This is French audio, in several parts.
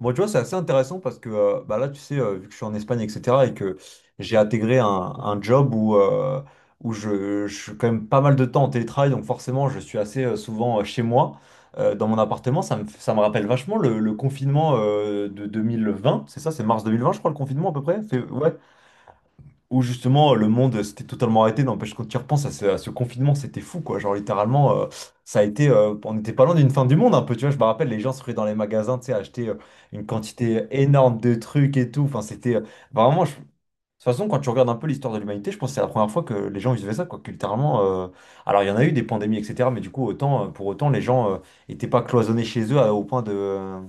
Bon, tu vois, c'est assez intéressant parce que bah là, tu sais, vu que je suis en Espagne, etc., et que j'ai intégré un job où, où je suis quand même pas mal de temps en télétravail, donc forcément, je suis assez souvent chez moi, dans mon appartement. Ça me rappelle vachement le confinement de 2020, c'est ça, c'est mars 2020, je crois, le confinement à peu près? Ouais, où justement le monde s'était totalement arrêté. N'empêche, quand tu y repenses à ce confinement, c'était fou, quoi. Genre littéralement, on n'était pas loin d'une fin du monde un peu, tu vois. Je me rappelle, les gens se ruaient dans les magasins, tu sais, acheter une quantité énorme de trucs et tout. Enfin, c'était vraiment. De toute façon, quand tu regardes un peu l'histoire de l'humanité, je pense que c'est la première fois que les gens vivaient ça, quoi. Que littéralement, alors il y en a eu des pandémies, etc. Mais du coup, pour autant, les gens n'étaient pas cloisonnés chez eux au point de,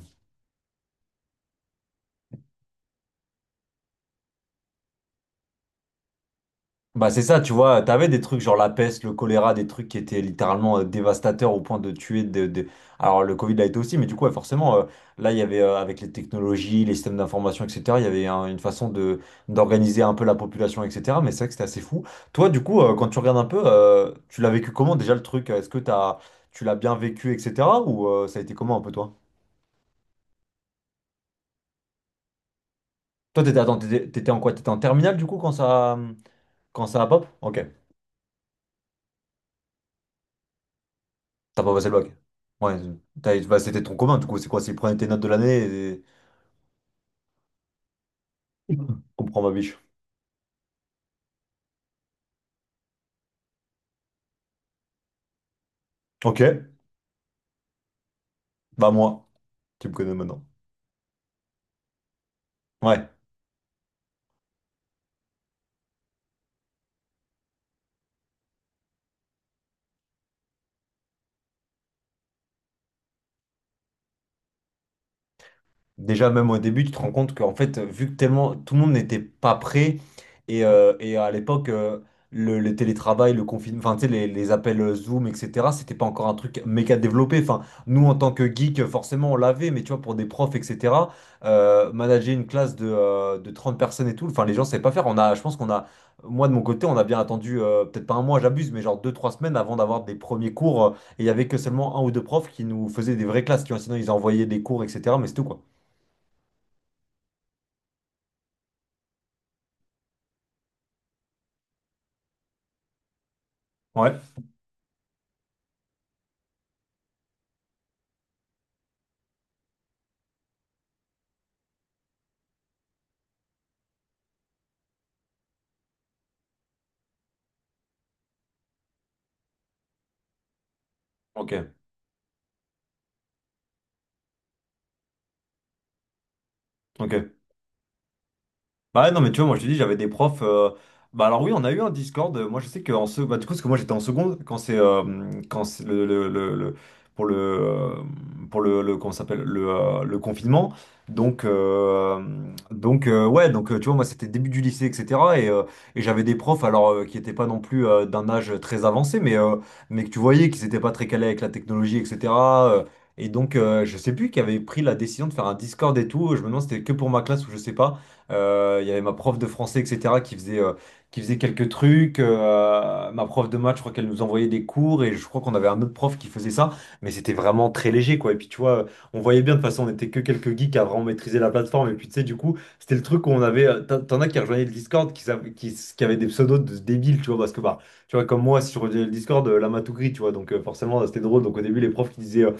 Bah c'est ça, tu vois, t'avais des trucs genre la peste, le choléra, des trucs qui étaient littéralement dévastateurs au point de tuer Alors le Covid l'a été aussi, mais du coup, ouais, forcément, là, il y avait, avec les technologies, les systèmes d'information, etc., il y avait une façon de d'organiser un peu la population, etc., mais c'est vrai que c'était assez fou. Toi, du coup, quand tu regardes un peu, tu l'as vécu comment déjà le truc? Tu l'as bien vécu, etc., ou ça a été comment un peu toi? Toi, attends, t'étais en quoi? T'étais en terminale, du coup, quand ça a pop? Ok. T'as pas passé le bac. Ouais, bah, c'était ton commun, du coup. C'est quoi? C'est prendre tes notes de l'année et comprends ma biche. Ok, bah moi, tu me connais maintenant. Ouais. Déjà, même au début, tu te rends compte qu'en fait, vu que tellement tout le monde n'était pas prêt, et à l'époque, le télétravail, le confinement, enfin, tu sais, les appels Zoom, etc., c'était pas encore un truc méga développé. Enfin, nous, en tant que geek, forcément, on l'avait, mais tu vois, pour des profs, etc., manager une classe de 30 personnes et tout, enfin, les gens savaient pas faire. Je pense qu'on a, moi, de mon côté, on a bien attendu, peut-être pas un mois, j'abuse, mais genre deux, trois semaines avant d'avoir des premiers cours, et il y avait que seulement un ou deux profs qui nous faisaient des vraies classes, tu vois, sinon ils envoyaient des cours, etc., mais c'est tout, quoi. Ouais, ok, ok. Bah ouais, non, mais tu vois, moi je te dis, j'avais des profs. Bah alors oui, on a eu un Discord. Moi je sais que bah, du coup, parce que moi j'étais en seconde quand c'est pour le comment ça s'appelle le confinement. Donc euh, donc ouais, tu vois, moi c'était début du lycée, etc. Et, euh, et j'avais des profs alors qui n'étaient pas non plus d'un âge très avancé, mais que tu voyais qu'ils n'étaient pas très calés avec la technologie, etc. euh, et donc, je sais plus qui avait pris la décision de faire un Discord et tout. Je me demande si c'était que pour ma classe ou je sais pas. Il y avait ma prof de français, etc., qui faisait quelques trucs. Ma prof de maths, je crois qu'elle nous envoyait des cours et je crois qu'on avait un autre prof qui faisait ça, mais c'était vraiment très léger, quoi. Et puis, tu vois, on voyait bien, de toute façon, on était que quelques geeks à vraiment maîtriser la plateforme. Et puis, tu sais, du coup, c'était le truc où on avait. T'en as qui rejoignaient le Discord, qui avaient des pseudos de débiles, tu vois, parce que, bah, tu vois, comme moi, si je rejoignais le Discord, la matou gris, tu vois, donc forcément, c'était drôle. Donc, au début, les profs qui disaient. euh,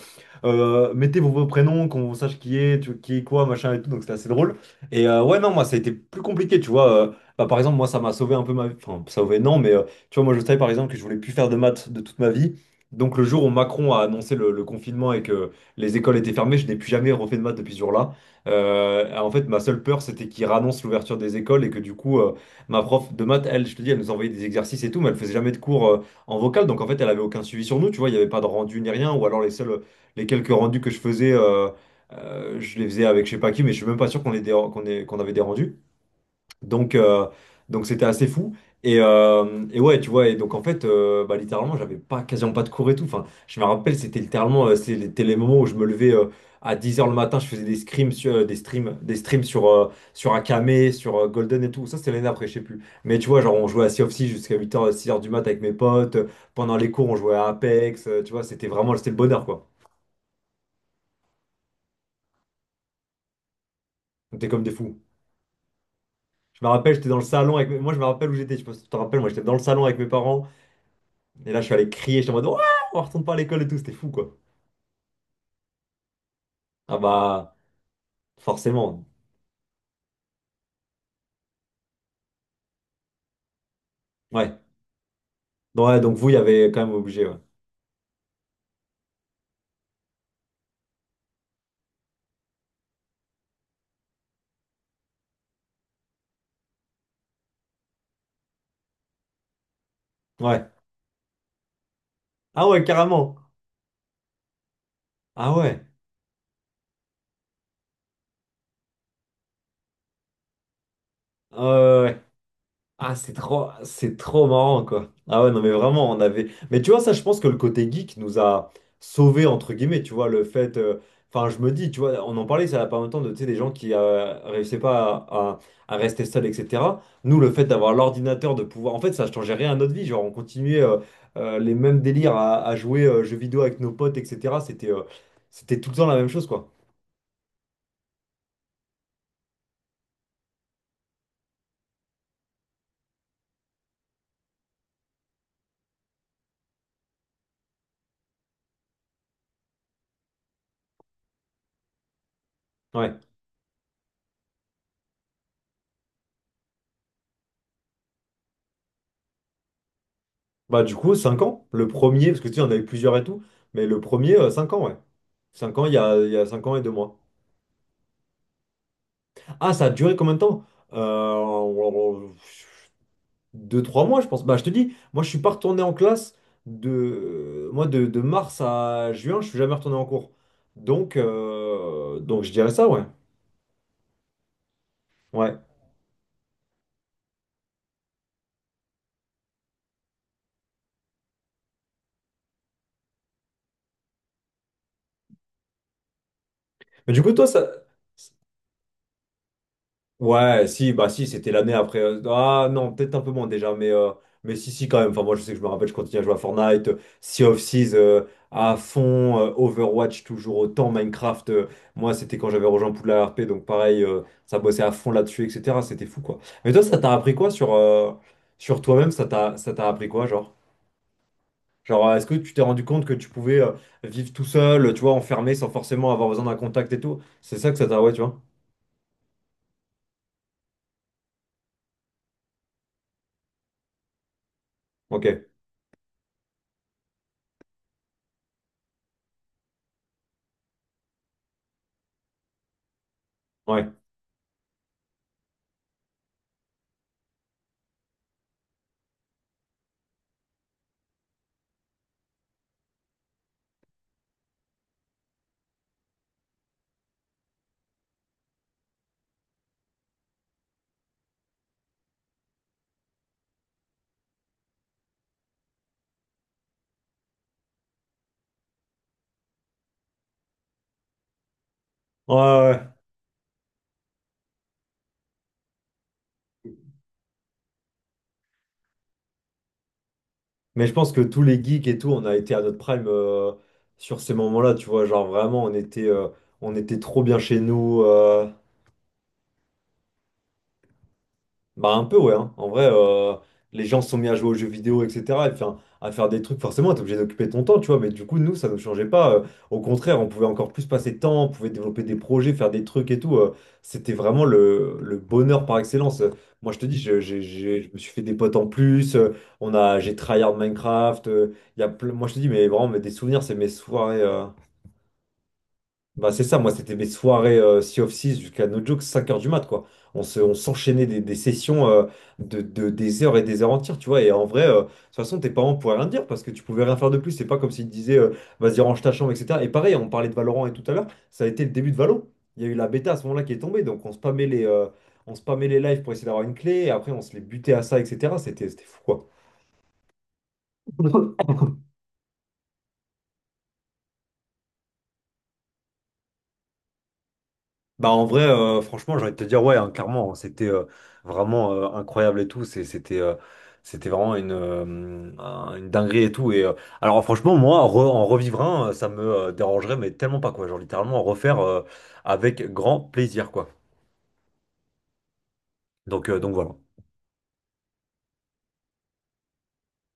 Euh, Mettez vos prénoms, qu'on sache qui est, qui est quoi, machin et tout, donc c'était assez drôle. Et ouais, non, moi, ça a été plus compliqué, tu vois. Bah, par exemple, moi, ça m'a sauvé un peu ma vie. Enfin, sauvé, non, mais tu vois, moi, je savais, par exemple, que je voulais plus faire de maths de toute ma vie. Donc, le jour où Macron a annoncé le confinement et que les écoles étaient fermées, je n'ai plus jamais refait de maths depuis ce jour-là. En fait, ma seule peur, c'était qu'il réannonce l'ouverture des écoles et que du coup, ma prof de maths, elle, je te dis, elle nous envoyait des exercices et tout, mais elle faisait jamais de cours en vocal. Donc, en fait, elle avait aucun suivi sur nous, tu vois, il n'y avait pas de rendu ni rien, ou alors les seuls, les quelques rendus que je faisais. Je les faisais avec je sais pas qui, mais je suis même pas sûr qu'on les déra- qu'on ait- qu'on avait des rendus. Donc, euh, donc c'était assez fou. Et ouais, tu vois, et donc en fait, bah, littéralement, j'avais pas, quasiment pas de cours et tout. Enfin, je me rappelle, c'était littéralement, c'était les moments où je me levais à 10 heures le matin, je faisais des streams sur, des streams sur, sur Akame, sur Golden et tout. Ça, c'était l'année d'après, je sais plus. Mais tu vois, genre, on jouait à Sea of Thieves jusqu'à huit heures 6 heures du mat avec mes potes. Pendant les cours, on jouait à Apex. Tu vois, c'était vraiment, c'était le bonheur, quoi. On était comme des fous. Je me rappelle, j'étais dans le salon avec. Moi, je me rappelle où j'étais. Je sais pas si tu te rappelles, moi, j'étais dans le salon avec mes parents. Et là, je suis allé crier. J'étais en mode, ouais, on retourne pas à l'école et tout. C'était fou, quoi. Ah bah, forcément. Ouais. Donc, ouais, donc vous, il y avait quand même obligé, ouais. Ouais. Ah ouais, carrément. Ah ouais. Ah ouais. Ah, c'est trop marrant, quoi. Ah ouais, non, mais vraiment, on avait. Mais tu vois, ça, je pense que le côté geek nous a sauvés, entre guillemets, tu vois, le fait. Enfin, je me dis, tu vois, on en parlait, ça n'a pas longtemps, de, tu sais, des gens qui réussissaient pas à, à rester seuls, etc. Nous, le fait d'avoir l'ordinateur, de pouvoir. En fait, ça changeait rien à notre vie. Genre, on continuait les mêmes délires à jouer jeux vidéo avec nos potes, etc. C'était c'était tout le temps la même chose, quoi. Ouais. Bah du coup, 5 ans. Le premier, parce que tu sais, on avait plusieurs et tout, mais le premier, 5 ans, ouais. 5 ans, il y a 5 ans et 2 mois. Ah, ça a duré combien de temps? Euh, 2-3 mois, je pense. Bah je te dis, moi je suis pas retourné en classe de, moi, de mars à juin, je suis jamais retourné en cours. Donc je dirais ça, ouais. Ouais. Mais du coup, toi, ça... Ouais, si, bah si, c'était l'année après. Ah non, peut-être un peu moins déjà, mais si, si, quand même. Enfin, moi, je sais que je me rappelle, je continue à jouer à Fortnite, Sea of Thieves à fond, Overwatch toujours autant, Minecraft. Moi, c'était quand j'avais rejoint Poudlard RP, donc pareil, ça bossait à fond là-dessus, etc. C'était fou, quoi. Mais toi, ça t'a appris quoi sur, sur toi-même? Ça t'a appris quoi, genre? Genre, est-ce que tu t'es rendu compte que tu pouvais vivre tout seul, tu vois, enfermé, sans forcément avoir besoin d'un contact et tout? C'est ça que ça t'a, ouais, tu vois? Ok, ouais. Ouais, ouais. Ouais. Mais je pense que tous les geeks et tout, on a été à notre prime sur ces moments-là, tu vois. Genre vraiment, on était trop bien chez nous. Bah un peu ouais, hein. En vrai, les gens se sont mis à jouer aux jeux vidéo, etc. Et enfin, à faire des trucs, forcément, t'es obligé d'occuper ton temps, tu vois. Mais du coup, nous, ça ne changeait pas. Au contraire, on pouvait encore plus passer de temps, on pouvait développer des projets, faire des trucs et tout. C'était vraiment le bonheur par excellence. Moi, je te dis, Je me suis fait des potes en plus. On a, j'ai tryhard Minecraft. Il y a moi, je te dis, mais vraiment, mais des souvenirs, c'est mes soirées. Bah c'est ça, moi c'était mes soirées Sea of six jusqu'à no joke 5 heures du mat quoi. On s'enchaînait des sessions des heures et des heures entières, tu vois. Et en vrai, de toute façon, tes parents pouvaient rien dire parce que tu pouvais rien faire de plus. C'est pas comme s'ils te disaient vas-y, range ta chambre, etc. Et pareil, on parlait de Valorant et tout à l'heure, ça a été le début de Valo. Il y a eu la bêta à ce moment-là qui est tombée, donc on spammait les lives pour essayer d'avoir une clé, et après on se les butait à ça, etc. C'était, c'était fou quoi. Bah en vrai, franchement, j'ai envie de te dire, ouais, hein, clairement, hein, c'était vraiment incroyable et tout. C'était c'était vraiment une dinguerie et tout. Et alors franchement, moi, en revivre un, ça me dérangerait, mais tellement pas quoi. Genre littéralement en refaire avec grand plaisir quoi. Donc voilà.